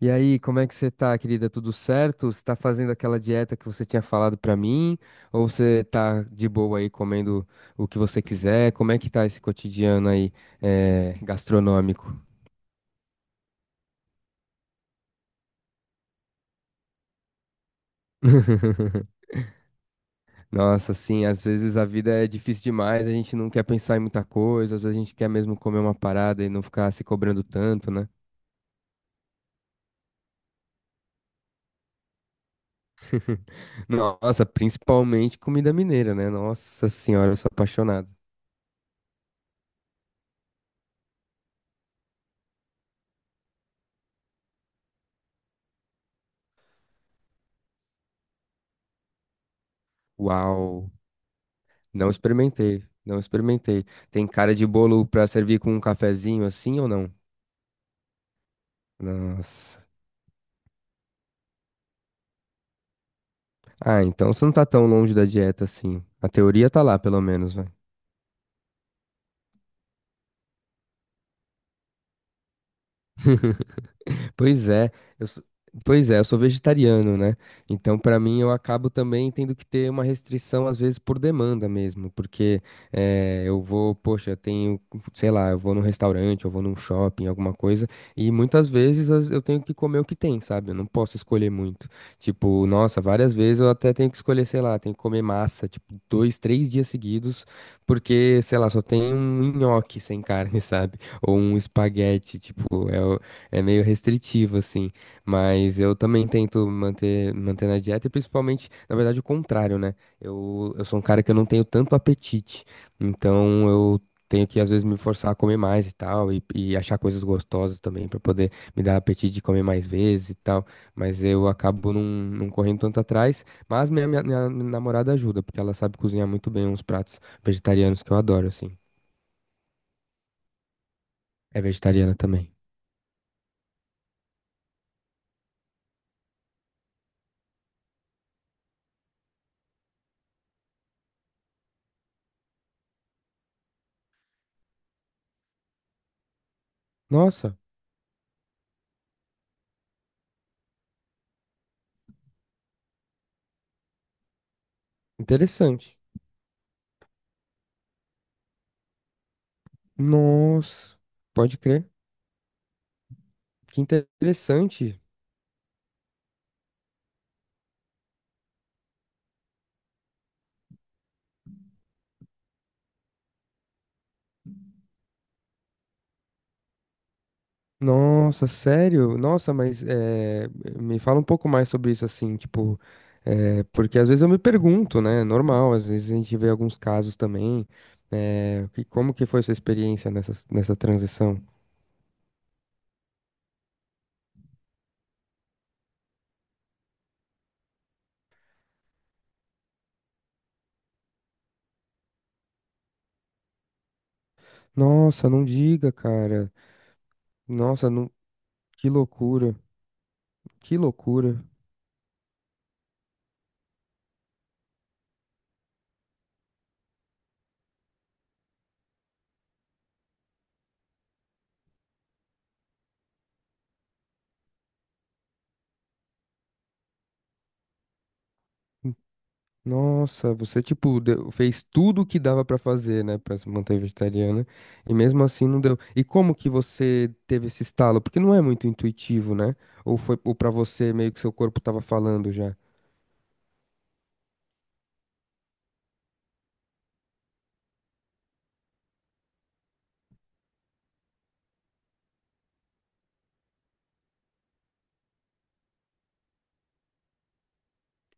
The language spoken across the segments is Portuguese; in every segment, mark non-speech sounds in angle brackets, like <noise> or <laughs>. E aí, como é que você tá, querida? Tudo certo? Você tá fazendo aquela dieta que você tinha falado pra mim? Ou você tá de boa aí comendo o que você quiser? Como é que tá esse cotidiano aí, gastronômico? <laughs> Nossa, sim. Às vezes a vida é difícil demais, a gente não quer pensar em muita coisa, às vezes a gente quer mesmo comer uma parada e não ficar se cobrando tanto, né? Nossa, principalmente comida mineira, né? Nossa senhora, eu sou apaixonado. Uau! Não experimentei, não experimentei. Tem cara de bolo pra servir com um cafezinho assim ou não? Nossa. Ah, então você não tá tão longe da dieta assim. A teoria tá lá, pelo menos. Pois é, eu sou, pois é, eu sou vegetariano, né? Então, pra mim, eu acabo também tendo que ter uma restrição, às vezes, por demanda mesmo, porque eu vou, poxa, sei lá, eu vou num restaurante, eu vou num shopping, alguma coisa, e muitas vezes eu tenho que comer o que tem, sabe? Eu não posso escolher muito. Tipo, nossa, várias vezes eu até tenho que escolher, sei lá, tenho que comer massa, tipo, dois, três dias seguidos, porque, sei lá, só tem um nhoque sem carne, <laughs> sabe? Ou um espaguete, é meio restritivo, assim, mas eu também tento manter, manter na dieta e principalmente, na verdade, o contrário, né? Eu sou um cara que eu não tenho tanto apetite, então eu tenho que, às vezes, me forçar a comer mais e tal, e achar coisas gostosas também, pra poder me dar apetite de comer mais vezes e tal, mas eu acabo não correndo tanto atrás, mas minha namorada ajuda, porque ela sabe cozinhar muito bem uns pratos vegetarianos que eu adoro, assim. É vegetariana também. Nossa, interessante. Nossa, pode crer. Que interessante. Nossa, sério? Me fala um pouco mais sobre isso, assim, tipo, é, porque às vezes eu me pergunto, né? Normal, às vezes a gente vê alguns casos também. É, como que foi sua experiência nessa, nessa transição? Nossa, não diga, cara. Nossa, não, que loucura, que loucura. Nossa, você tipo fez tudo o que dava pra fazer, né? Pra se manter vegetariana e mesmo assim não deu. E como que você teve esse estalo? Porque não é muito intuitivo, né? Ou foi ou para você meio que seu corpo tava falando já?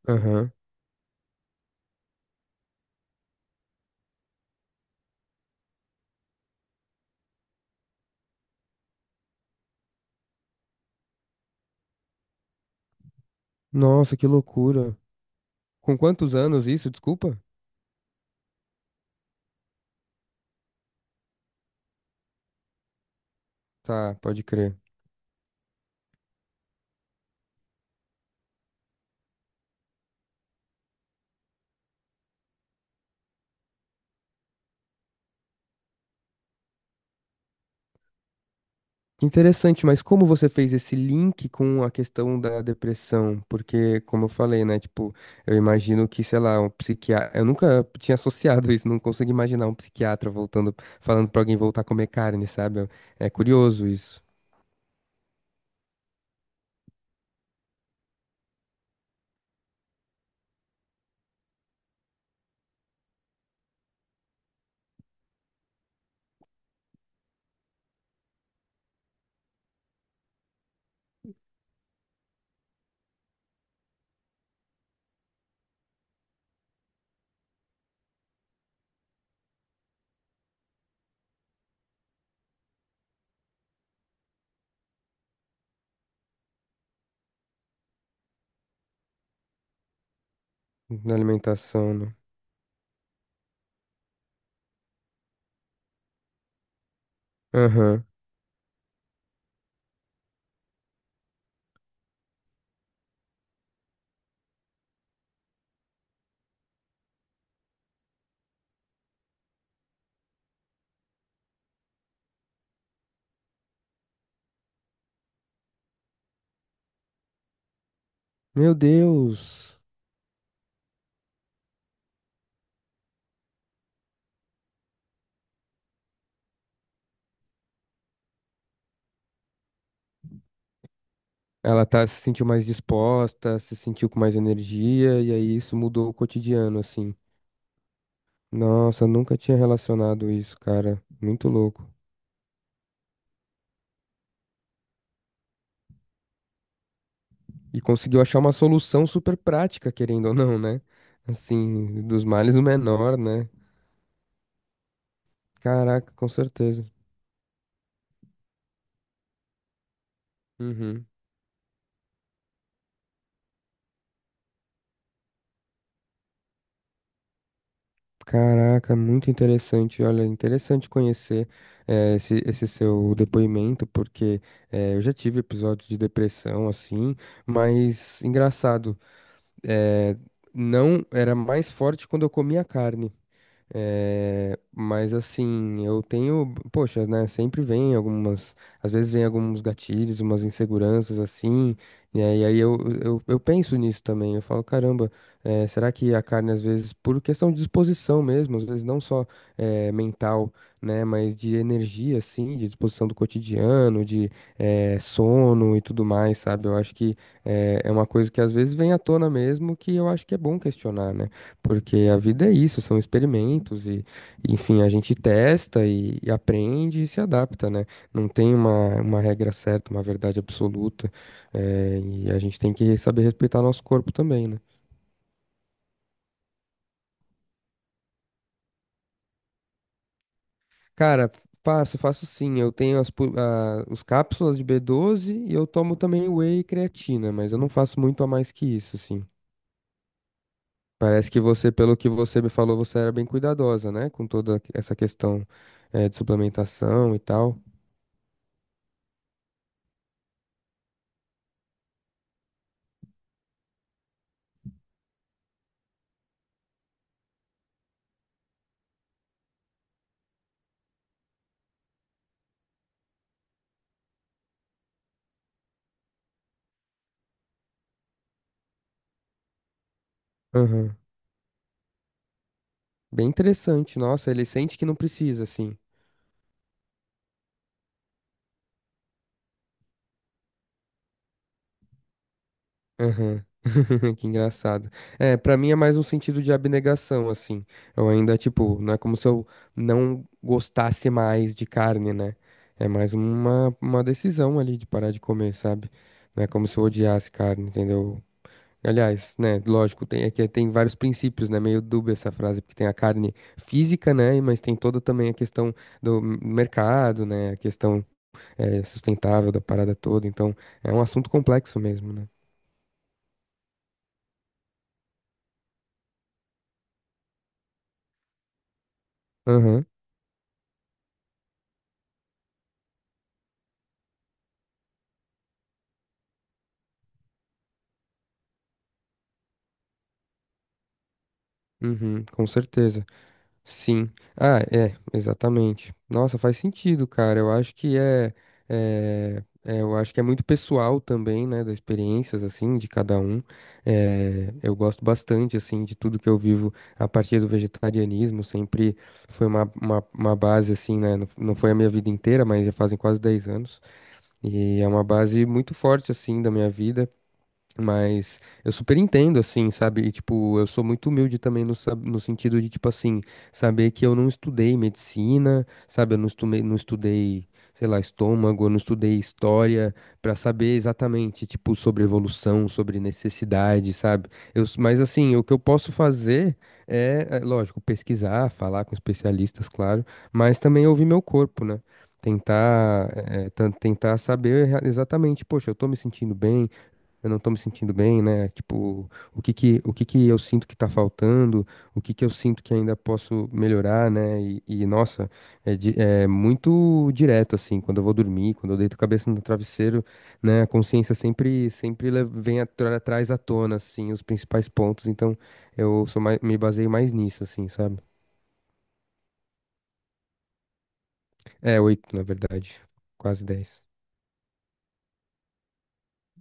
Aham. Nossa, que loucura. Com quantos anos isso? Desculpa. Tá, pode crer. Interessante, mas como você fez esse link com a questão da depressão? Porque, como eu falei, né, tipo, eu imagino que, sei lá, um psiquiatra, eu nunca tinha associado isso, não consigo imaginar um psiquiatra voltando, falando pra alguém voltar a comer carne, sabe? É curioso isso, na alimentação, né? Aham. Meu Deus. Ela tá, se sentiu mais disposta, se sentiu com mais energia, e aí isso mudou o cotidiano, assim. Nossa, eu nunca tinha relacionado isso, cara. Muito louco. E conseguiu achar uma solução super prática, querendo ou não, né? Assim, dos males o menor, né? Caraca, com certeza. Uhum. Caraca, muito interessante. Olha, interessante conhecer esse seu depoimento, porque eu já tive episódios de depressão, assim, mas engraçado, eh, não era mais forte quando eu comia carne. É, mas assim, eu tenho, poxa, né, às vezes vem alguns gatilhos, umas inseguranças assim, e aí, aí eu, eu penso nisso também, eu falo, caramba, é, será que a carne às vezes, por questão de disposição mesmo, às vezes não só mental, né, mas de energia assim, de disposição do cotidiano, de sono e tudo mais, sabe? Eu acho que é, é uma coisa que às vezes vem à tona mesmo, que eu acho que é bom questionar, né, porque a vida é isso, são experimentos enfim, a gente testa e aprende e se adapta, né? Não tem uma regra certa, uma verdade absoluta, e a gente tem que saber respeitar nosso corpo também, né? Cara, faço, faço sim, eu tenho os cápsulas de B12 e eu tomo também whey e creatina, mas eu não faço muito a mais que isso, assim. Parece que você, pelo que você me falou, você era bem cuidadosa, né? Com toda essa questão, de suplementação e tal. Bem interessante, nossa, ele sente que não precisa, assim. Aham. <laughs> Que engraçado. É, pra mim é mais um sentido de abnegação, assim. Eu ainda, tipo, não é como se eu não gostasse mais de carne, né? É mais uma decisão ali de parar de comer, sabe? Não é como se eu odiasse carne, entendeu? Aliás, né, lógico, tem, é que tem vários princípios, né? Meio dúbia essa frase, porque tem a carne física, né? Mas tem toda também a questão do mercado, né? A questão sustentável da parada toda. Então, é um assunto complexo mesmo, né? Aham, uhum, com certeza. Sim. Ah, é, exatamente. Nossa, faz sentido, cara. Eu acho que eu acho que é muito pessoal também, né, das experiências, assim, de cada um. É, eu gosto bastante, assim, de tudo que eu vivo a partir do vegetarianismo. Sempre foi uma base, assim, né, não, não foi a minha vida inteira, mas já fazem quase 10 anos. E é uma base muito forte, assim, da minha vida. Mas eu super entendo, assim, sabe? E, tipo, eu sou muito humilde também no sentido de, tipo, assim, saber que eu não estudei medicina, sabe? Eu não estudei, não estudei, sei lá, estômago, eu não estudei história pra saber exatamente, tipo, sobre evolução, sobre necessidade, sabe? Mas, assim, o que eu posso fazer é, lógico, pesquisar, falar com especialistas, claro, mas também ouvir meu corpo, né? Tentar, tentar saber exatamente, poxa, eu tô me sentindo bem, eu não tô me sentindo bem, né? Tipo, o que que eu sinto que tá faltando, o que que eu sinto que ainda posso melhorar, né? Nossa, é muito direto, assim, quando eu vou dormir, quando eu deito a cabeça no travesseiro, né? A consciência vem atrás à tona, assim, os principais pontos. Então, eu sou mais, me baseio mais nisso, assim, sabe? É, oito, na verdade. Quase dez.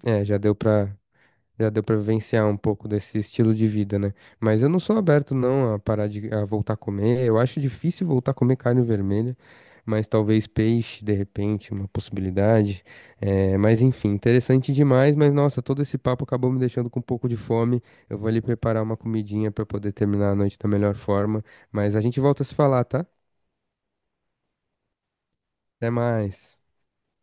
É, já deu pra. Já deu pra vivenciar um pouco desse estilo de vida, né? Mas eu não sou aberto não a parar de a voltar a comer. Eu acho difícil voltar a comer carne vermelha, mas talvez peixe, de repente, uma possibilidade. É, mas enfim, interessante demais. Mas nossa, todo esse papo acabou me deixando com um pouco de fome. Eu vou ali preparar uma comidinha pra poder terminar a noite da melhor forma. Mas a gente volta a se falar, tá? Até mais.